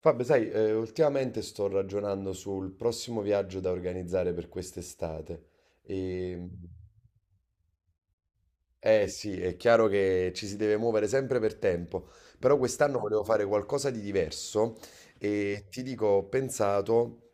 Fabio, sai, ultimamente sto ragionando sul prossimo viaggio da organizzare per quest'estate e eh sì, è chiaro che ci si deve muovere sempre per tempo, però quest'anno volevo fare qualcosa di diverso e ti dico, ho pensato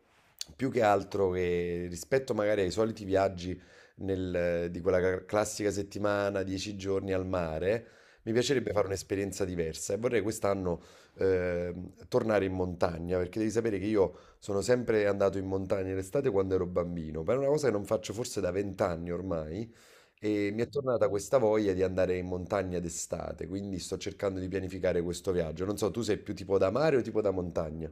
più che altro che rispetto magari ai soliti viaggi nel- di quella classica settimana, 10 giorni al mare, mi piacerebbe fare un'esperienza diversa e vorrei quest'anno tornare in montagna, perché devi sapere che io sono sempre andato in montagna l'estate quando ero bambino, per una cosa che non faccio forse da 20 anni ormai. E mi è tornata questa voglia di andare in montagna d'estate, quindi sto cercando di pianificare questo viaggio. Non so, tu sei più tipo da mare o tipo da montagna?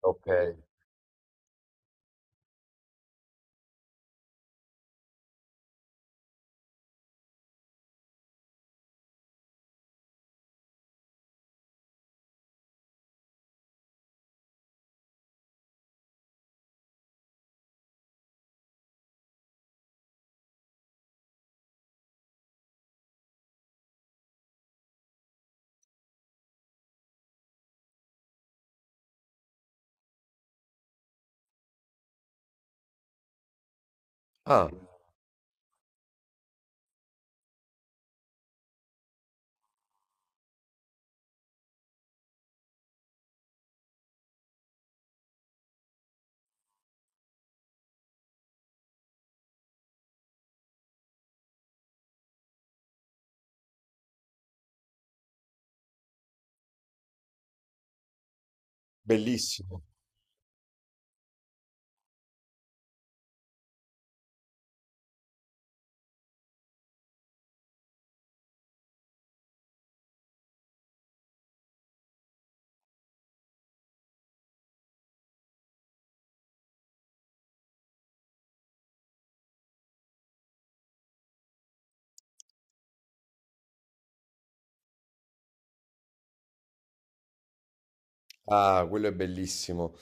Ok. Ah, bellissimo. Ah, quello è bellissimo.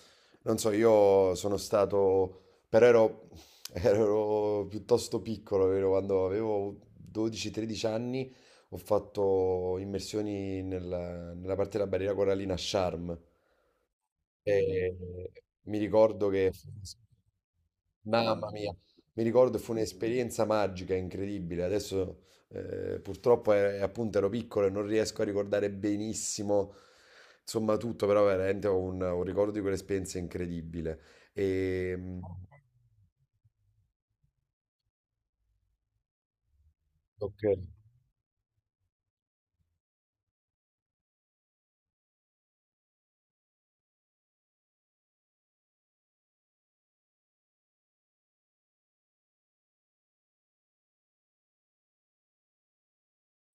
Non so, io sono stato, però ero, ero piuttosto piccolo, vero? Quando avevo 12-13 anni ho fatto immersioni nella parte della barriera corallina a Sharm. E mi ricordo che mamma mia, mi ricordo fu un'esperienza magica, incredibile. Adesso purtroppo appunto ero piccolo e non riesco a ricordare benissimo, insomma tutto, però veramente ho un ricordo di quell'esperienza incredibile. E, mm, ok,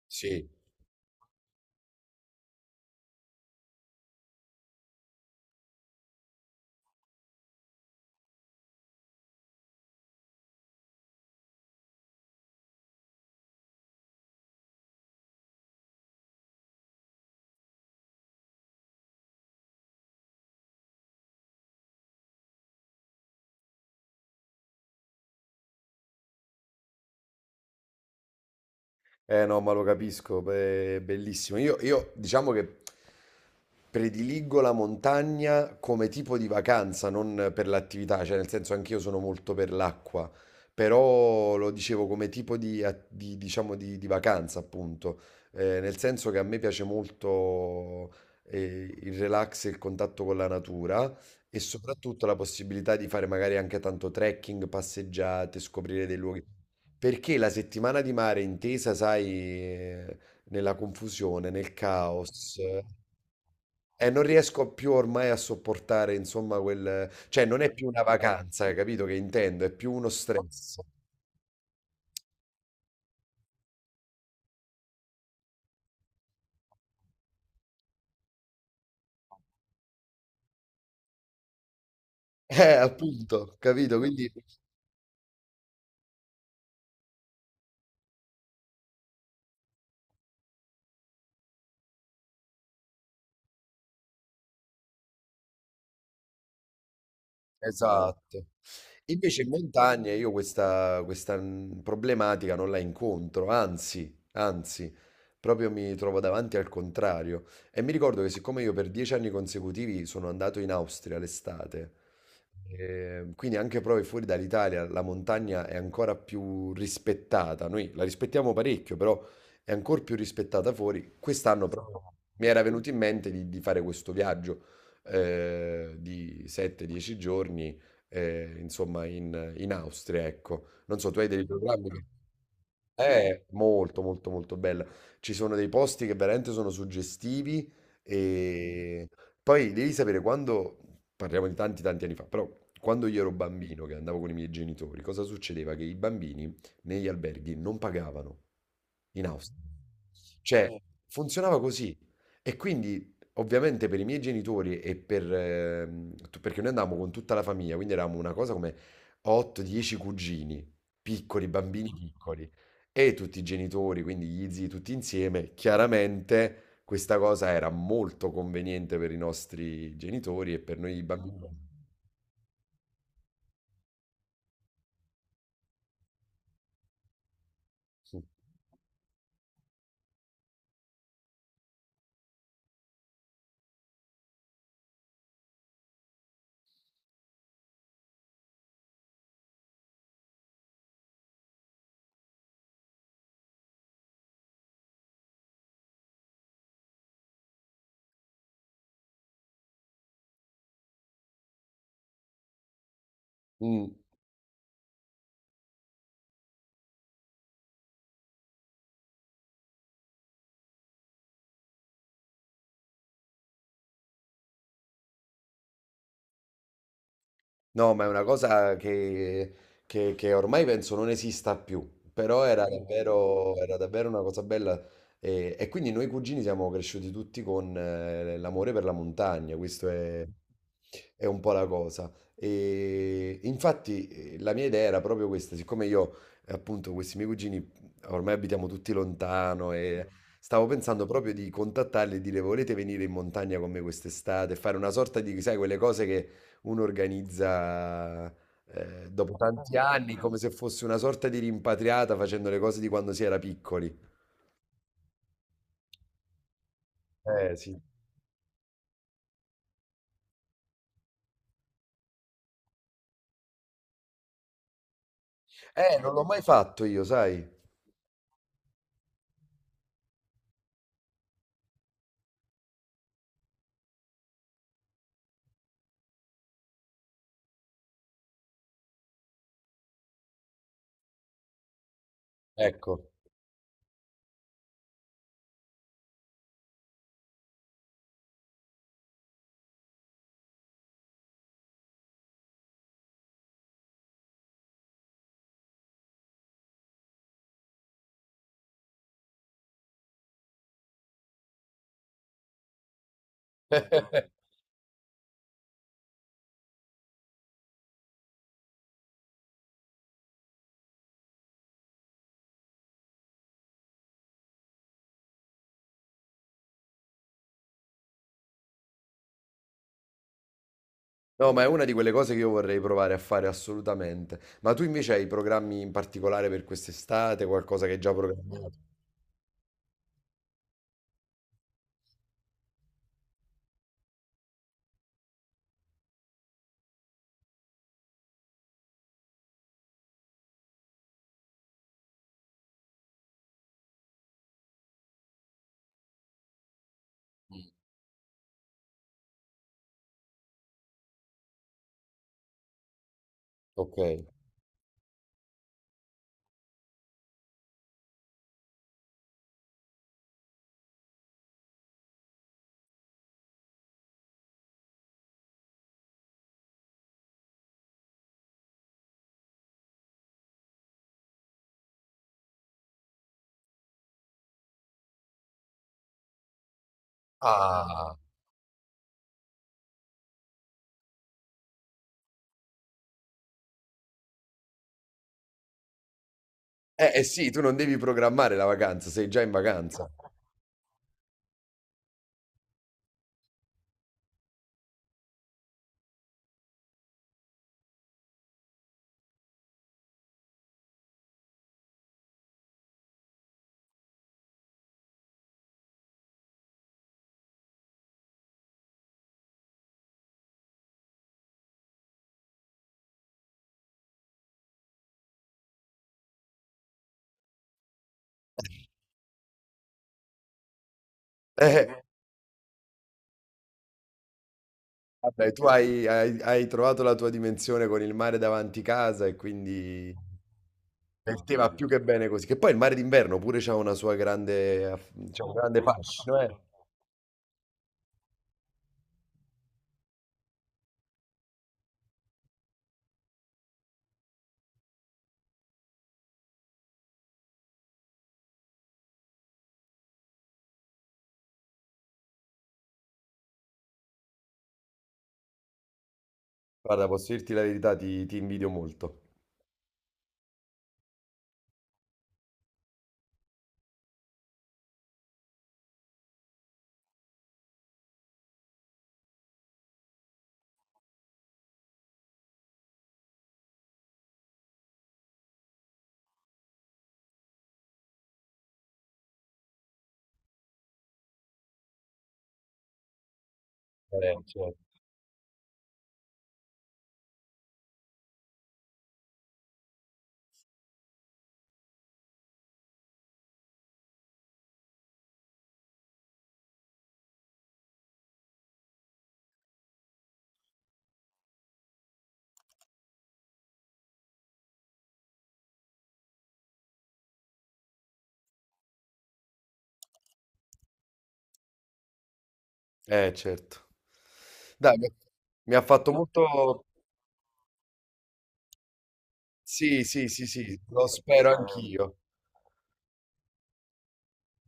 sì. Eh no, ma lo capisco, beh, è bellissimo. Io diciamo che prediligo la montagna come tipo di vacanza, non per l'attività, cioè nel senso anch'io sono molto per l'acqua, però lo dicevo come tipo di, diciamo, di vacanza, appunto, nel senso che a me piace molto il relax e il contatto con la natura e soprattutto la possibilità di fare magari anche tanto trekking, passeggiate, scoprire dei luoghi. Perché la settimana di mare intesa, sai, nella confusione, nel caos, e non riesco più ormai a sopportare, insomma, quel... Cioè, non è più una vacanza, capito che intendo? È più uno stress. Appunto, capito? Quindi, esatto. Invece in montagna io questa problematica non la incontro, anzi, anzi, proprio mi trovo davanti al contrario. E mi ricordo che siccome io per 10 anni consecutivi sono andato in Austria l'estate, quindi anche proprio fuori dall'Italia la montagna è ancora più rispettata. Noi la rispettiamo parecchio, però è ancora più rispettata fuori. Quest'anno proprio mi era venuto in mente di fare questo viaggio di 7-10 giorni, insomma, in Austria, ecco. Non so, tu hai dei programmi? È molto molto molto bella. Ci sono dei posti che veramente sono suggestivi e poi devi sapere quando, parliamo di tanti tanti anni fa, però quando io ero bambino che andavo con i miei genitori, cosa succedeva? Che i bambini negli alberghi non pagavano in Austria. Cioè, funzionava così. E quindi, ovviamente, per i miei genitori e per... perché noi andavamo con tutta la famiglia, quindi eravamo una cosa come 8-10 cugini, piccoli, bambini piccoli, e tutti i genitori, quindi gli zii tutti insieme. Chiaramente questa cosa era molto conveniente per i nostri genitori e per noi bambini. Mm. No, ma è una cosa che, che ormai penso non esista più, però era davvero una cosa bella e quindi noi cugini siamo cresciuti tutti con l'amore per la montagna, questo è un po' la cosa. E infatti la mia idea era proprio questa, siccome io appunto questi miei cugini ormai abitiamo tutti lontano e stavo pensando proprio di contattarli e dire volete venire in montagna con me quest'estate, e fare una sorta di, sai, quelle cose che uno organizza dopo tanti anni come se fosse una sorta di rimpatriata facendo le cose di quando si era piccoli. Eh sì. Non l'ho mai fatto io, sai? Ecco. No, ma è una di quelle cose che io vorrei provare a fare assolutamente. Ma tu invece hai programmi in particolare per quest'estate, qualcosa che hai già programmato? Ok. Ah. Eh sì, tu non devi programmare la vacanza, sei già in vacanza. Vabbè, tu hai, hai trovato la tua dimensione con il mare davanti casa e quindi per te va più che bene così. Che poi il mare d'inverno pure c'ha una sua grande, c'ha un grande fascino, eh. Guarda, posso dirti la verità, ti invidio molto. Certo. Certo. Dai, mi ha fatto molto... Sì, sì, sì, sì, lo spero anch'io.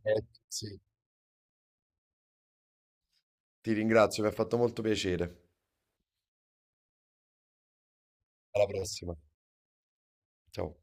Eh, sì. Ti ringrazio, mi ha fatto molto piacere. Alla prossima. Ciao.